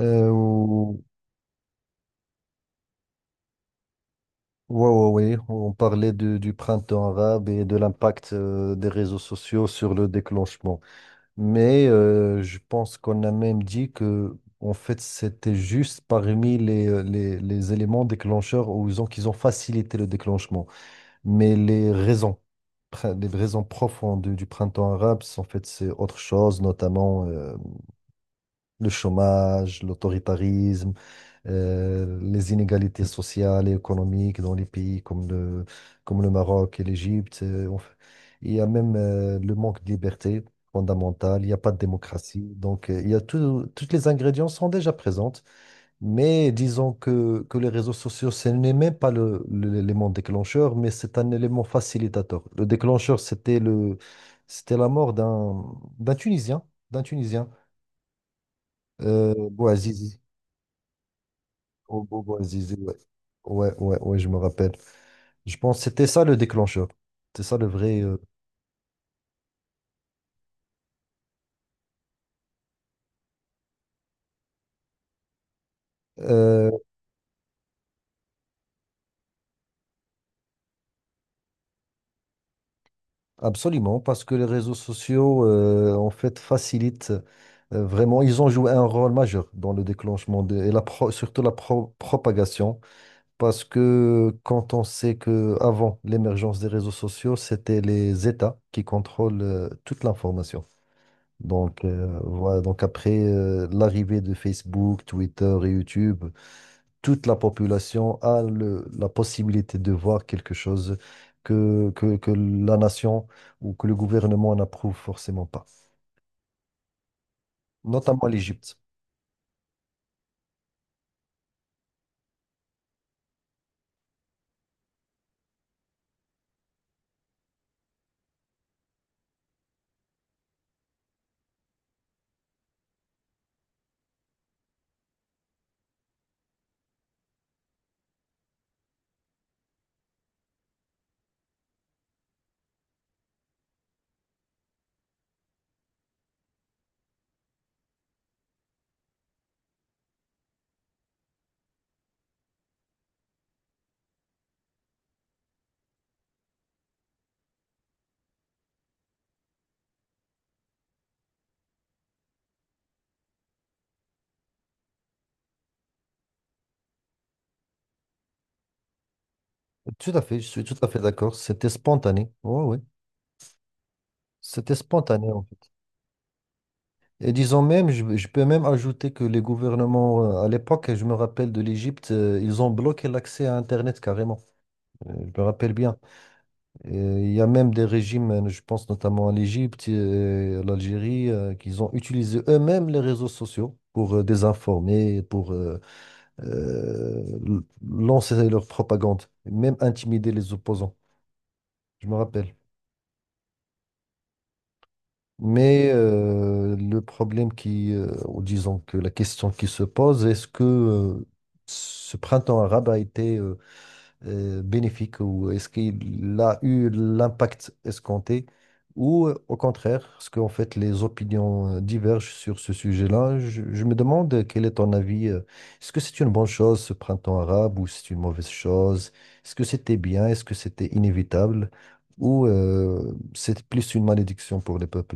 Euh, ou- ouais, ouais, ouais. On parlait du printemps arabe et de l'impact des réseaux sociaux sur le déclenchement. Mais je pense qu'on a même dit que, en fait, c'était juste parmi les, les éléments déclencheurs qu'ils ont facilité le déclenchement. Mais les raisons, les raisons profondes du printemps arabe, en fait, c'est autre chose, notamment le chômage, l'autoritarisme. Les inégalités sociales et économiques dans les pays comme comme le Maroc et l'Égypte. Il y a même le manque de liberté fondamentale, il n'y a pas de démocratie. Donc, il y a tout, toutes les ingrédients sont déjà présentes, mais disons que les réseaux sociaux, ce n'est même pas l'élément déclencheur, mais c'est un élément facilitateur. Le déclencheur, c'était la mort d'un Tunisien, d'un Tunisien, Bouazizi. Oh, oh, bah, Zizou, ouais. Ouais, ouais, ouais, je me rappelle. Je pense que c'était ça le déclencheur. C'est ça le vrai. Euh, Absolument, parce que les réseaux sociaux, en fait, facilitent vraiment. Ils ont joué un rôle majeur dans le déclenchement et la pro- surtout la pro- propagation. Parce que quand on sait que avant l'émergence des réseaux sociaux, c'était les États qui contrôlent toute l'information. Donc, voilà, donc après l'arrivée de Facebook, Twitter et YouTube. Toute la population a la possibilité de voir quelque chose que la nation ou que le gouvernement n'approuve forcément pas, notamment l'Égypte. Tout à fait, je suis tout à fait d'accord. C'était spontané. Oui, oui. C'était spontané, en fait. Et disons même, je peux même ajouter que les gouvernements, à l'époque, je me rappelle de l'Égypte, ils ont bloqué l'accès à Internet carrément. Je me rappelle bien. Il y a même des régimes, je pense notamment à l'Égypte et à l'Algérie, qu'ils ont utilisé eux-mêmes les réseaux sociaux pour désinformer, pour euh, l- lancer leur propagande, même intimider les opposants, je me rappelle. Mais le problème, ou disons que la question qui se pose, est-ce que ce printemps arabe a été bénéfique, ou est-ce qu'il a eu l'impact escompté, ou au contraire, parce qu'en fait les opinions divergent sur ce sujet-là. Je me demande quel est ton avis. Est-ce que c'est une bonne chose ce printemps arabe, ou c'est une mauvaise chose? Est-ce que c'était bien? Est-ce que c'était inévitable? Ou c'est plus une malédiction pour les peuples?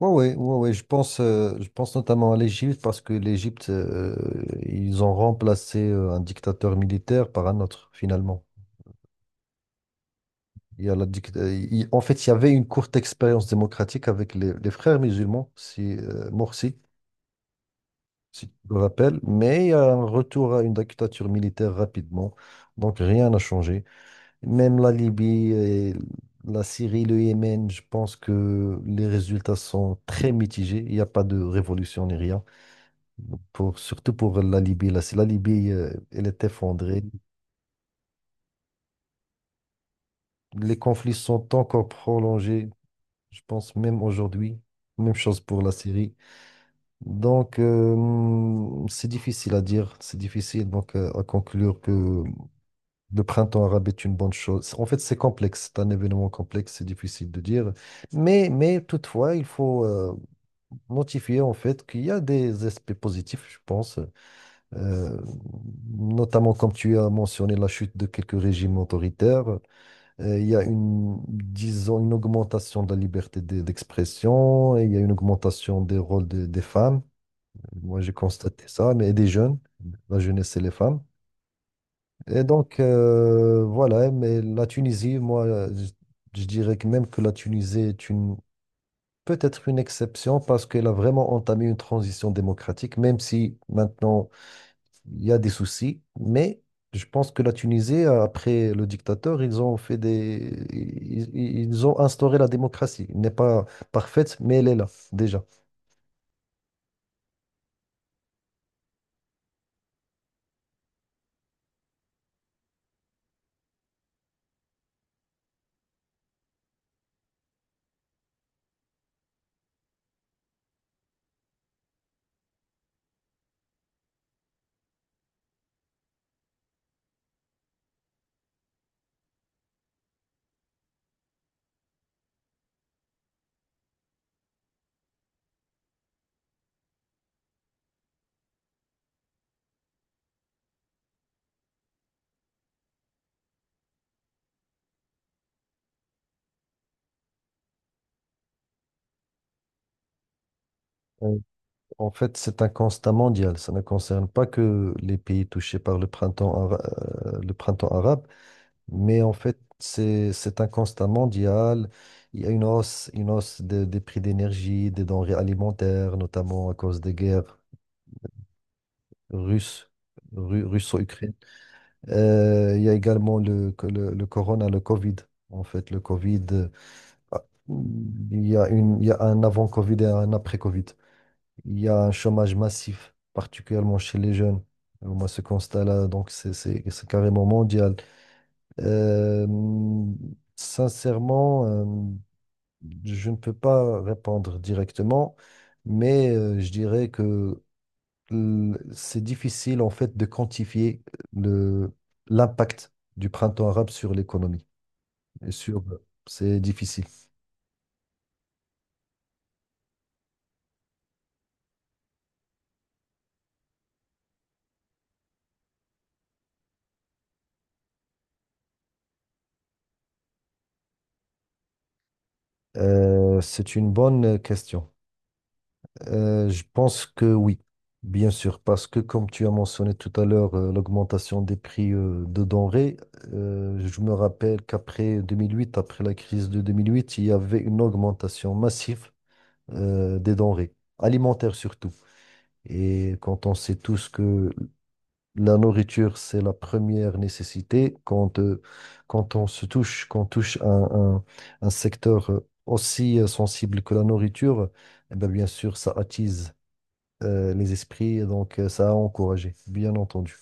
Oui, ouais, ouais, ouais, ouais, je pense notamment à l'Égypte, parce que l'Égypte, ils ont remplacé un dictateur militaire par un autre, finalement. Il y a la dict- il- En fait, il y avait une courte expérience démocratique avec les frères musulmans, si, Morsi, si tu te rappelles, mais il y a un retour à une dictature militaire rapidement, donc rien n'a changé. Même la Libye, et la Syrie, le Yémen, je pense que les résultats sont très mitigés, il n'y a pas de révolution ni rien, pour, surtout pour la Libye. Là, si la Libye, elle est effondrée, les conflits sont encore prolongés, je pense même aujourd'hui, même chose pour la Syrie. Donc, c'est difficile à dire, c'est difficile donc à conclure que le printemps arabe est une bonne chose. En fait, c'est complexe, c'est un événement complexe, c'est difficile de dire. Mais toutefois, il faut notifier en fait qu'il y a des aspects positifs, je pense. Euh, Notamment comme tu as mentionné, la chute de quelques régimes autoritaires. Il y a une, disons, une augmentation de la liberté d'expression, et il y a une augmentation des rôles des femmes. Moi, j'ai constaté ça, mais des jeunes, la jeunesse, c'est les femmes. Et donc, voilà, mais la Tunisie, moi, je, je dirais que même que la Tunisie est une, peut-être une exception, parce qu'elle a vraiment entamé une transition démocratique, même si maintenant, il y a des soucis. Mais je pense que la Tunisie, après le dictateur, ils ont fait des, ils ont instauré la démocratie. Elle n'est pas parfaite, mais elle est là, déjà. Euh, En fait, c'est un constat mondial. Ça ne concerne pas que les pays touchés par le printemps arabe, mais en fait, c'est un constat mondial. Il y a une hausse des prix d'énergie, des denrées alimentaires, notamment à cause des guerres russes, russo-ukrainiennes. Il y a également le corona, le Covid. En fait, le Covid, il y a il y a un avant-Covid et un après-Covid. Il y a un chômage massif, particulièrement chez les jeunes. Alors, moi, ce constat-là, donc, c'est carrément mondial. Euh, sincèrement, je ne peux pas répondre directement, mais je dirais que c'est difficile, en fait, de quantifier le, l'impact du printemps arabe sur l'économie. Et sur, c'est difficile. C'est une bonne question. Je pense que oui, bien sûr, parce que comme tu as mentionné tout à l'heure, l'augmentation des prix de denrées, je me rappelle qu'après 2008, après la crise de 2008, il y avait une augmentation massive des denrées, alimentaires surtout. Et quand on sait tous que la nourriture, c'est la première nécessité, quand, qu'on touche un secteur aussi sensible que la nourriture, eh ben, bien sûr, ça attise les esprits, donc ça a encouragé, bien entendu.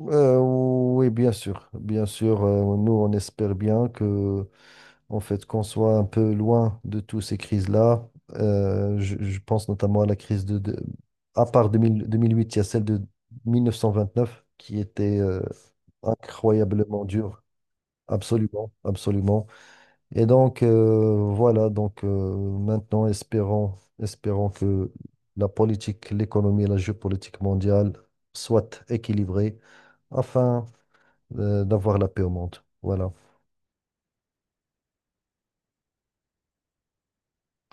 Oui, bien sûr, bien sûr. Nous, on espère bien que, en fait, qu'on soit un peu loin de toutes ces crises-là. Je pense notamment à la crise à part 2000 2008, il y a celle de 1929 qui était incroyablement dure. Absolument, absolument. Et donc, voilà, donc maintenant, espérons, espérons que la politique, l'économie et la géopolitique mondiale soient équilibrées afin d'avoir la paix au monde. Voilà.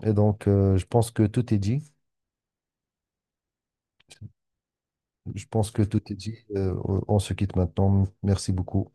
Et donc, je pense que tout est dit. Je pense que tout est dit. On se quitte maintenant. Merci beaucoup.